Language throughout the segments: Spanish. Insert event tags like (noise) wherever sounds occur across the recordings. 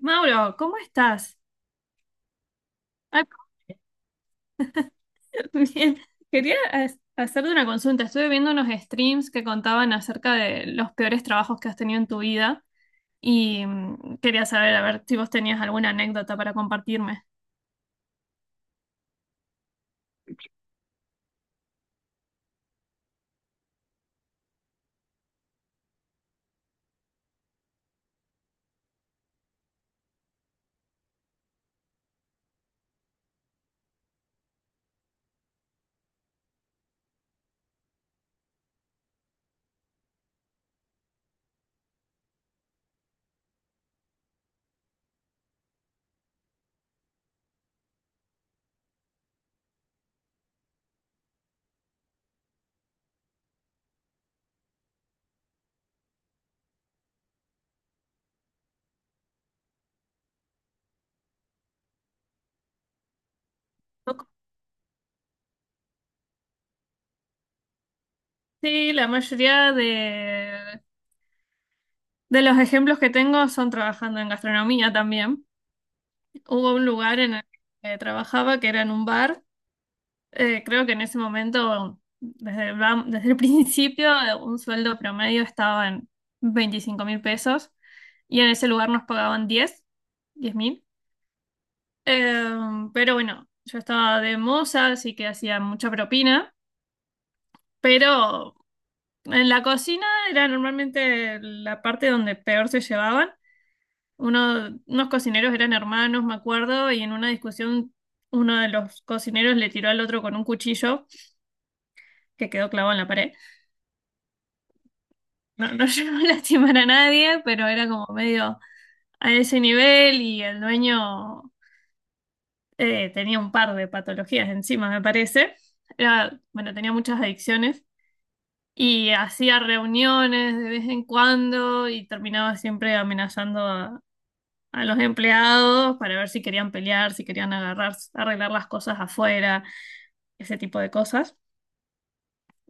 Mauro, ¿cómo estás? Ay, (laughs) bien. Quería hacerte una consulta. Estuve viendo unos streams que contaban acerca de los peores trabajos que has tenido en tu vida y quería saber, a ver si vos tenías alguna anécdota para compartirme. Sí, la mayoría de los ejemplos que tengo son trabajando en gastronomía también. Hubo un lugar en el que trabajaba que era en un bar. Creo que en ese momento, desde el (laughs) principio, un sueldo promedio estaba en 25 mil pesos y en ese lugar nos pagaban 10, 10 mil. Pero bueno, yo estaba de moza, así que hacía mucha propina, pero en la cocina era normalmente la parte donde peor se llevaban. Unos cocineros eran hermanos, me acuerdo, y en una discusión uno de los cocineros le tiró al otro con un cuchillo que quedó clavado en la pared. No, no (laughs) llegó a lastimar a nadie, pero era como medio a ese nivel. Y el dueño tenía un par de patologías encima, me parece. Era, bueno, tenía muchas adicciones y hacía reuniones de vez en cuando y terminaba siempre amenazando a los empleados para ver si querían pelear, si querían agarrar, arreglar las cosas afuera, ese tipo de cosas.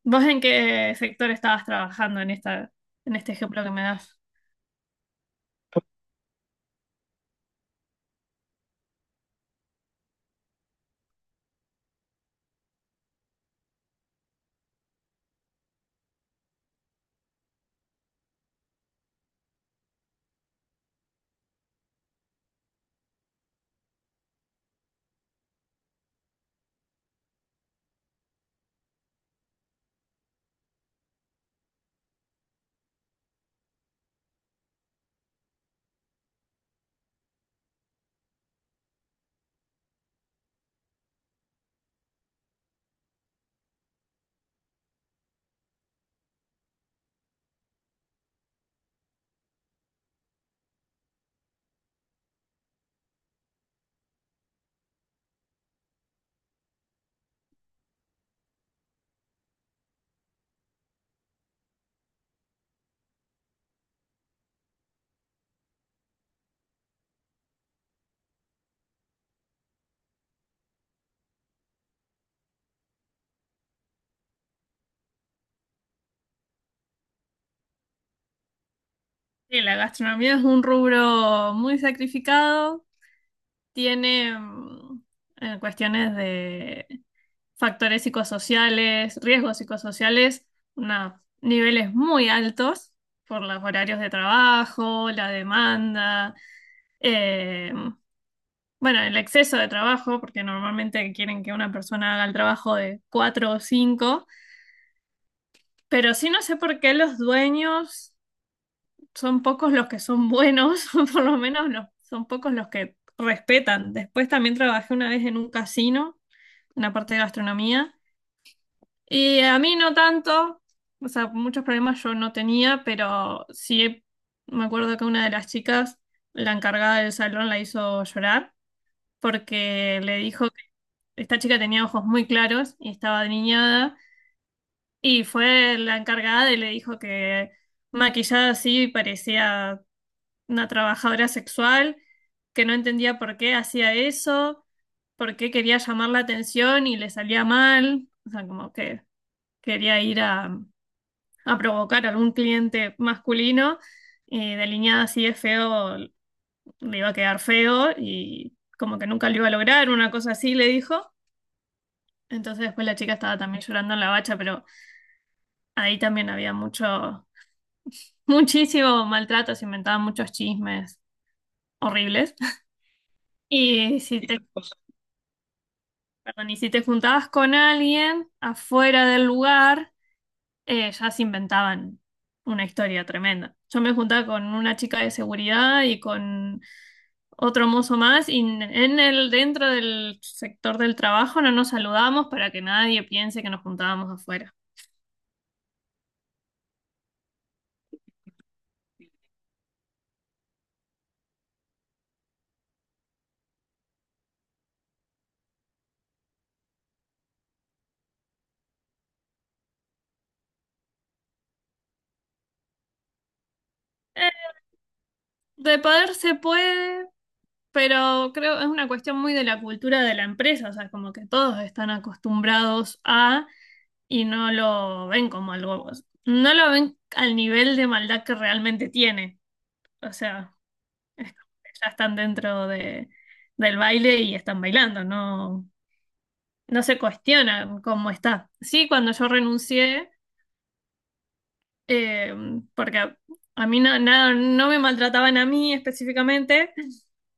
¿Vos en qué sector estabas trabajando en este ejemplo que me das? Sí, la gastronomía es un rubro muy sacrificado, tiene cuestiones de factores psicosociales, riesgos psicosociales, niveles muy altos por los horarios de trabajo, la demanda, eh, bueno, el exceso de trabajo, porque normalmente quieren que una persona haga el trabajo de cuatro o cinco, pero sí no sé por qué los dueños son pocos los que son buenos, (laughs) por lo menos son pocos los que respetan. Después también trabajé una vez en un casino, en la parte de gastronomía, y a mí no tanto, o sea, muchos problemas yo no tenía, pero sí me acuerdo que una de las chicas, la encargada del salón, la hizo llorar porque le dijo que esta chica tenía ojos muy claros y estaba niñada, y fue la encargada y le dijo que maquillada así parecía una trabajadora sexual, que no entendía por qué hacía eso, por qué quería llamar la atención y le salía mal, o sea, como que quería ir a provocar a algún cliente masculino, y delineada así de feo, le iba a quedar feo y como que nunca lo iba a lograr, una cosa así le dijo. Entonces después la chica estaba también llorando en la bacha, pero ahí también había mucho, muchísimo maltrato, se inventaban muchos chismes horribles. (laughs) Y si te Y si te juntabas con alguien afuera del lugar, ya se inventaban una historia tremenda. Yo me juntaba con una chica de seguridad y con otro mozo más, y en el, dentro del sector del trabajo no nos saludamos para que nadie piense que nos juntábamos afuera. Eh, de poder se puede, pero creo que es una cuestión muy de la cultura de la empresa, o sea, como que todos están acostumbrados a y no lo ven como algo, no lo ven al nivel de maldad que realmente tiene. O sea, es como que ya están dentro de, del baile y están bailando, no, no se cuestiona cómo está. Sí, cuando yo renuncié, eh, porque a mí no me maltrataban a mí específicamente,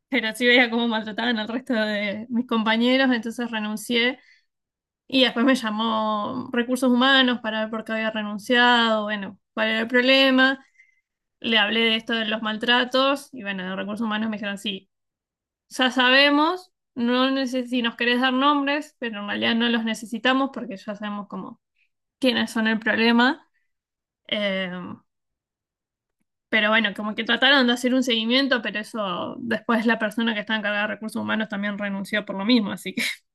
pero sí veía cómo maltrataban al resto de mis compañeros, entonces renuncié y después me llamó Recursos Humanos para ver por qué había renunciado, bueno, cuál era el problema, le hablé de esto de los maltratos y bueno, de Recursos Humanos me dijeron, sí, ya sabemos, si nos querés dar nombres, pero en realidad no los necesitamos porque ya sabemos cómo, quiénes son el problema. Eh, Pero bueno, como que trataron de hacer un seguimiento, pero eso después la persona que está encargada de recursos humanos también renunció por lo mismo, así que... (laughs)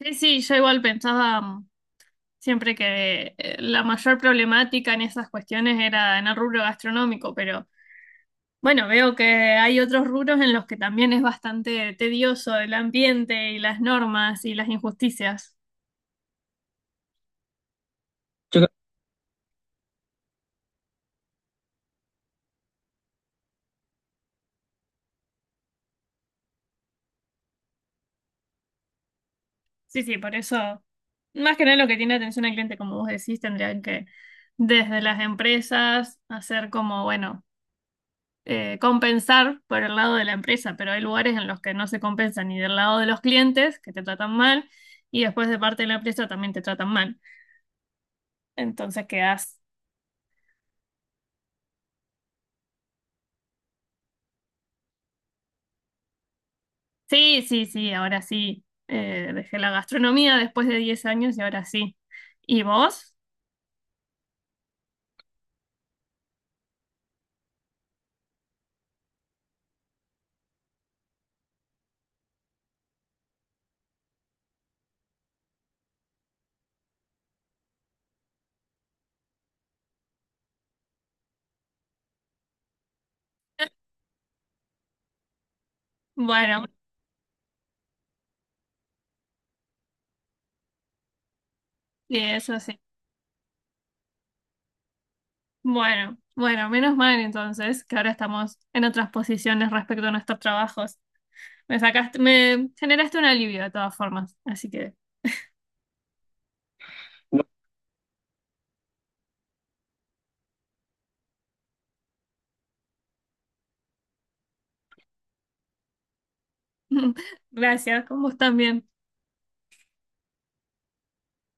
Sí, sí, yo igual pensaba siempre que la mayor problemática en esas cuestiones era en el rubro gastronómico, pero bueno, veo que hay otros rubros en los que también es bastante tedioso el ambiente y las normas y las injusticias. Sí, sí, por eso, más que nada lo que tiene atención al cliente, como vos decís, tendrían que desde las empresas hacer como, bueno, compensar por el lado de la empresa, pero hay lugares en los que no se compensa ni del lado de los clientes, que te tratan mal, y después de parte de la empresa también te tratan mal. Entonces quedas, sí, sí, sí, ahora sí, dejé la gastronomía después de 10 años y ahora sí. ¿Y vos? Bueno, sí, eso sí. Bueno, bueno, menos mal entonces que ahora estamos en otras posiciones respecto a nuestros trabajos. Me sacaste, me generaste un alivio de todas formas, así que (laughs) gracias, con vos también.